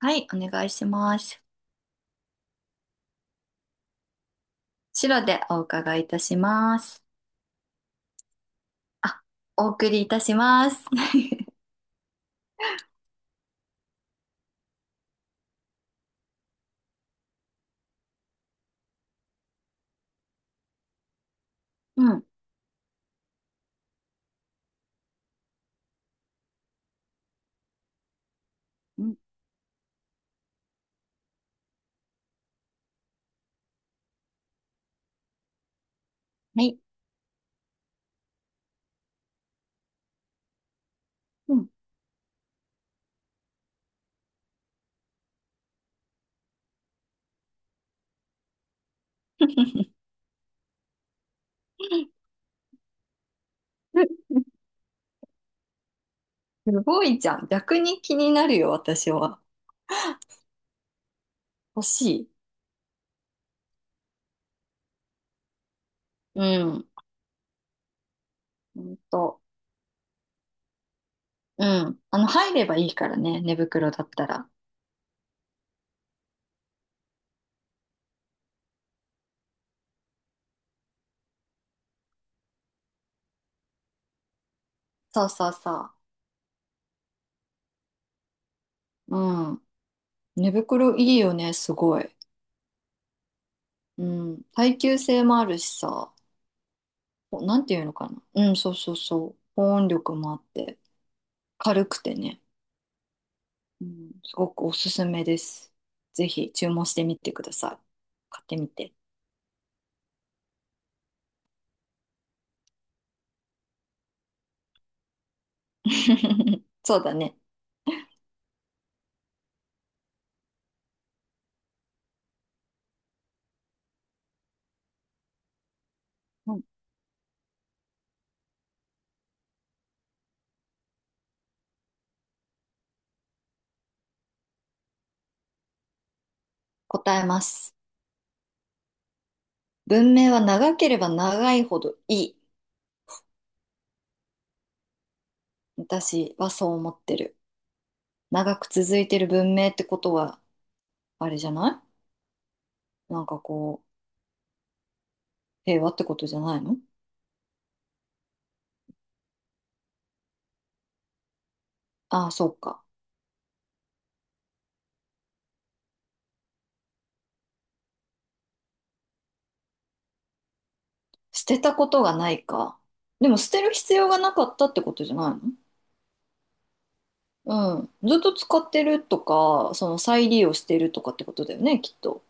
はい、お願いします。白でお伺いいたします。あ、お送りいたします。うん。うん。はい。うん。すごいじゃん。逆に気になるよ、私は。欲しい。うん。ほんと。うん。入ればいいからね、寝袋だったら。そうそうそう。うん。寝袋いいよね、すごい。うん。耐久性もあるしさ。お、なんていうのかな。うん、そうそうそう。保温力もあって。軽くてね。うん、すごくおすすめです。ぜひ注文してみてください。買ってみて。そうだね。うん、答えます。文明は長ければ長いほどいい。私はそう思ってる。長く続いてる文明ってことは、あれじゃない、なんかこう、平和ってことじゃないの？ああ、そうか。捨てたことがないか。でも捨てる必要がなかったってことじゃない？のうん。ずっと使ってるとか、その再利用してるとかってことだよね、きっと。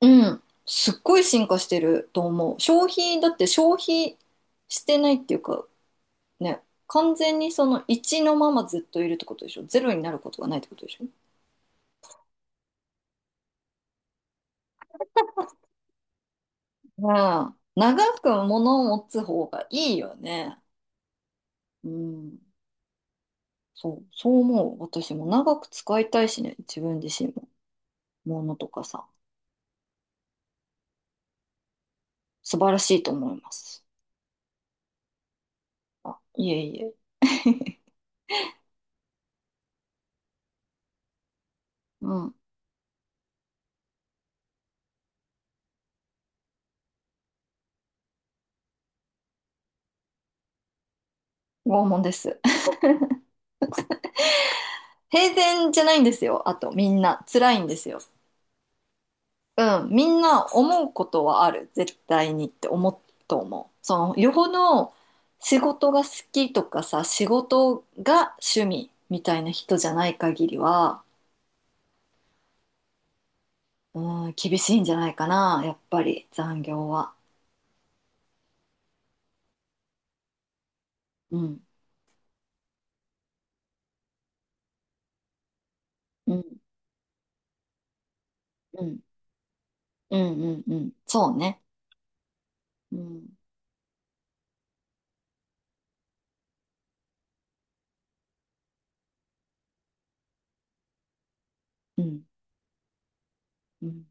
うん。すっごい進化してると思う。消費、だって消費してないっていうか、ね、完全にその1のままずっといるってことでしょ。ゼロになることがないってことでしょ。うん。長く物を持つ方がいいよね。うん。そう、そう思う。私も長く使いたいしね、自分自身も。物とかさ、素晴らしいと思います。あ、いえいえ。うん。拷問です。平然じゃないんですよ。あと、みんな。辛いんですよ。うん、みんな思うことはある絶対にって思うと思う。そのよほど仕事が好きとかさ、仕事が趣味みたいな人じゃない限りは、うん、厳しいんじゃないかな、やっぱり残業は。うん、うん、うん、うん、うん、うん、そうね。うん、うん、うん。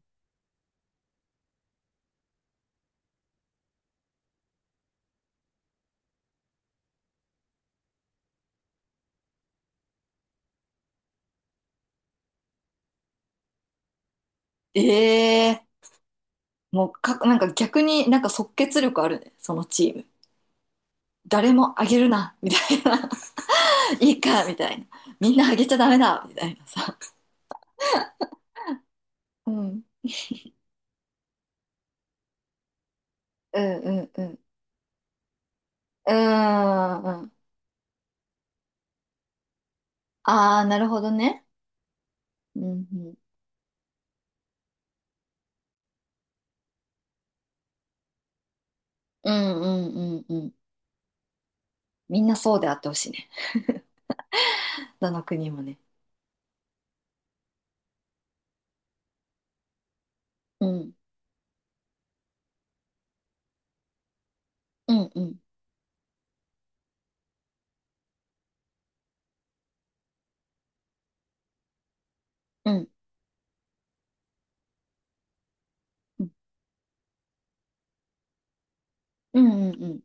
ええー。もう、か、なんか逆になんか即決力あるね、そのチーム。誰もあげるなみたいな、いいか、みたいな。みんなあげちゃダメだ、みたいなさ。うん。うんうんうん。うーん。うん。ああ、なるほどね。うんうん。うんうんうんうん。みんなそうであってほしいね。どの国もね。うん。うんうんうん。うんうんう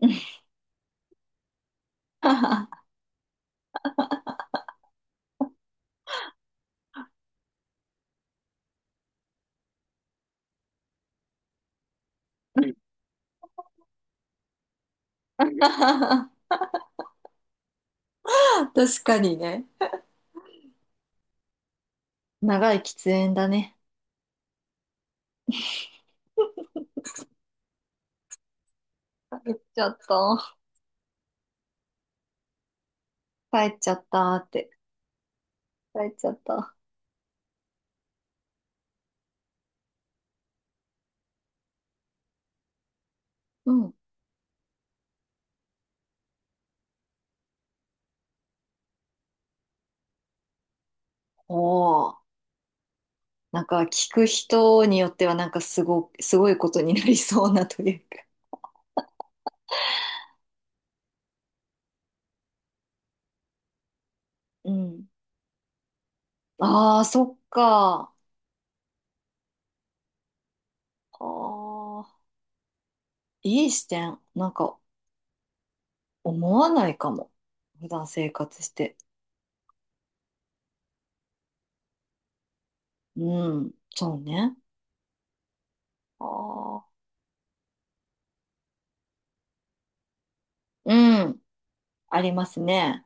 ん。うん。確かにね。長い喫煙だね。帰っちゃった。帰っちゃったって。帰っちゃった。うん。おお。なんか聞く人によってはなんかすご、すごいことになりそうな、というか。うん。ああ、そっか。ああ、いい視点。なんか思わないかも。普段生活して。うん、そうね。ああ、うん、ありますね。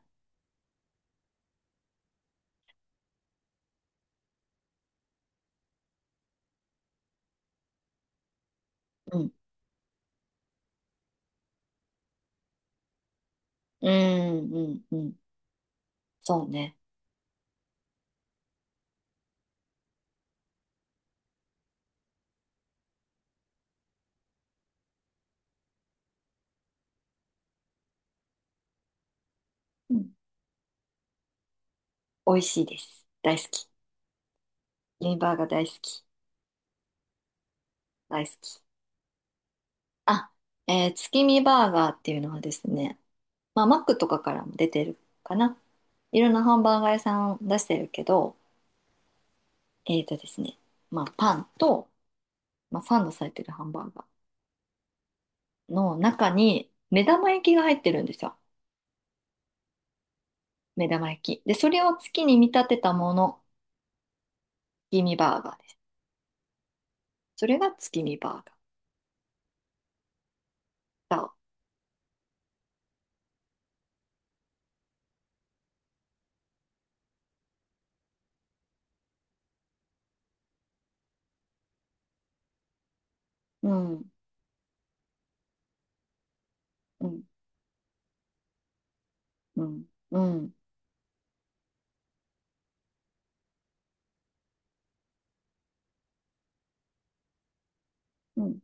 うん、うん、うん、うん、そうね。うん、美味しいです。大好き。月見バーガー大好き。大好き。あ、月見バーガーっていうのはですね、まあ、マックとかからも出てるかな。いろんなハンバーガー屋さん出してるけど、えーとですね、まあ、パンと、まあ、サンドされてるハンバーガーの中に目玉焼きが入ってるんですよ。目玉焼き。で、それを月に見立てたもの、月見バーガーです。それが月見バーガー。うん、うん、うん、うん、うん、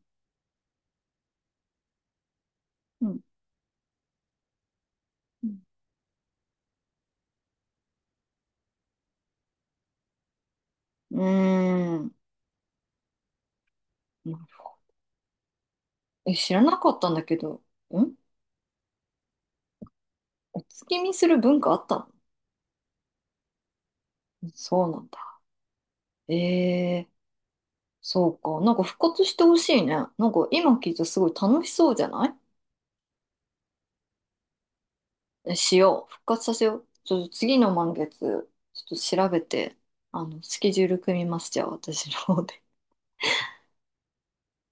うん、うん。うーん。え、知らなかったんだけど、ん、お月見する文化あったの？そうなんだ。えー、そうか。なんか復活してほしいね。なんか今聞いたらすごい楽しそうじゃない？え、しよう。復活させよう。ちょっと次の満月、ちょっと調べて、あの、スケジュール組みます。じゃあ私の方で。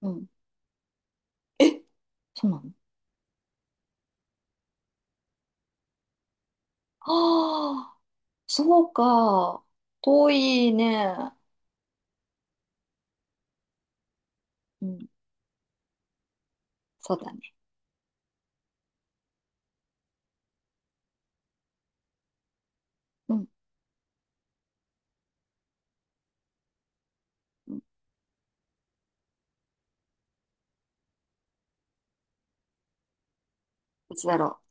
うん。え、そうなの？ああ、そうか。遠いね。うん。そうだね。うん。うん。いつだろう。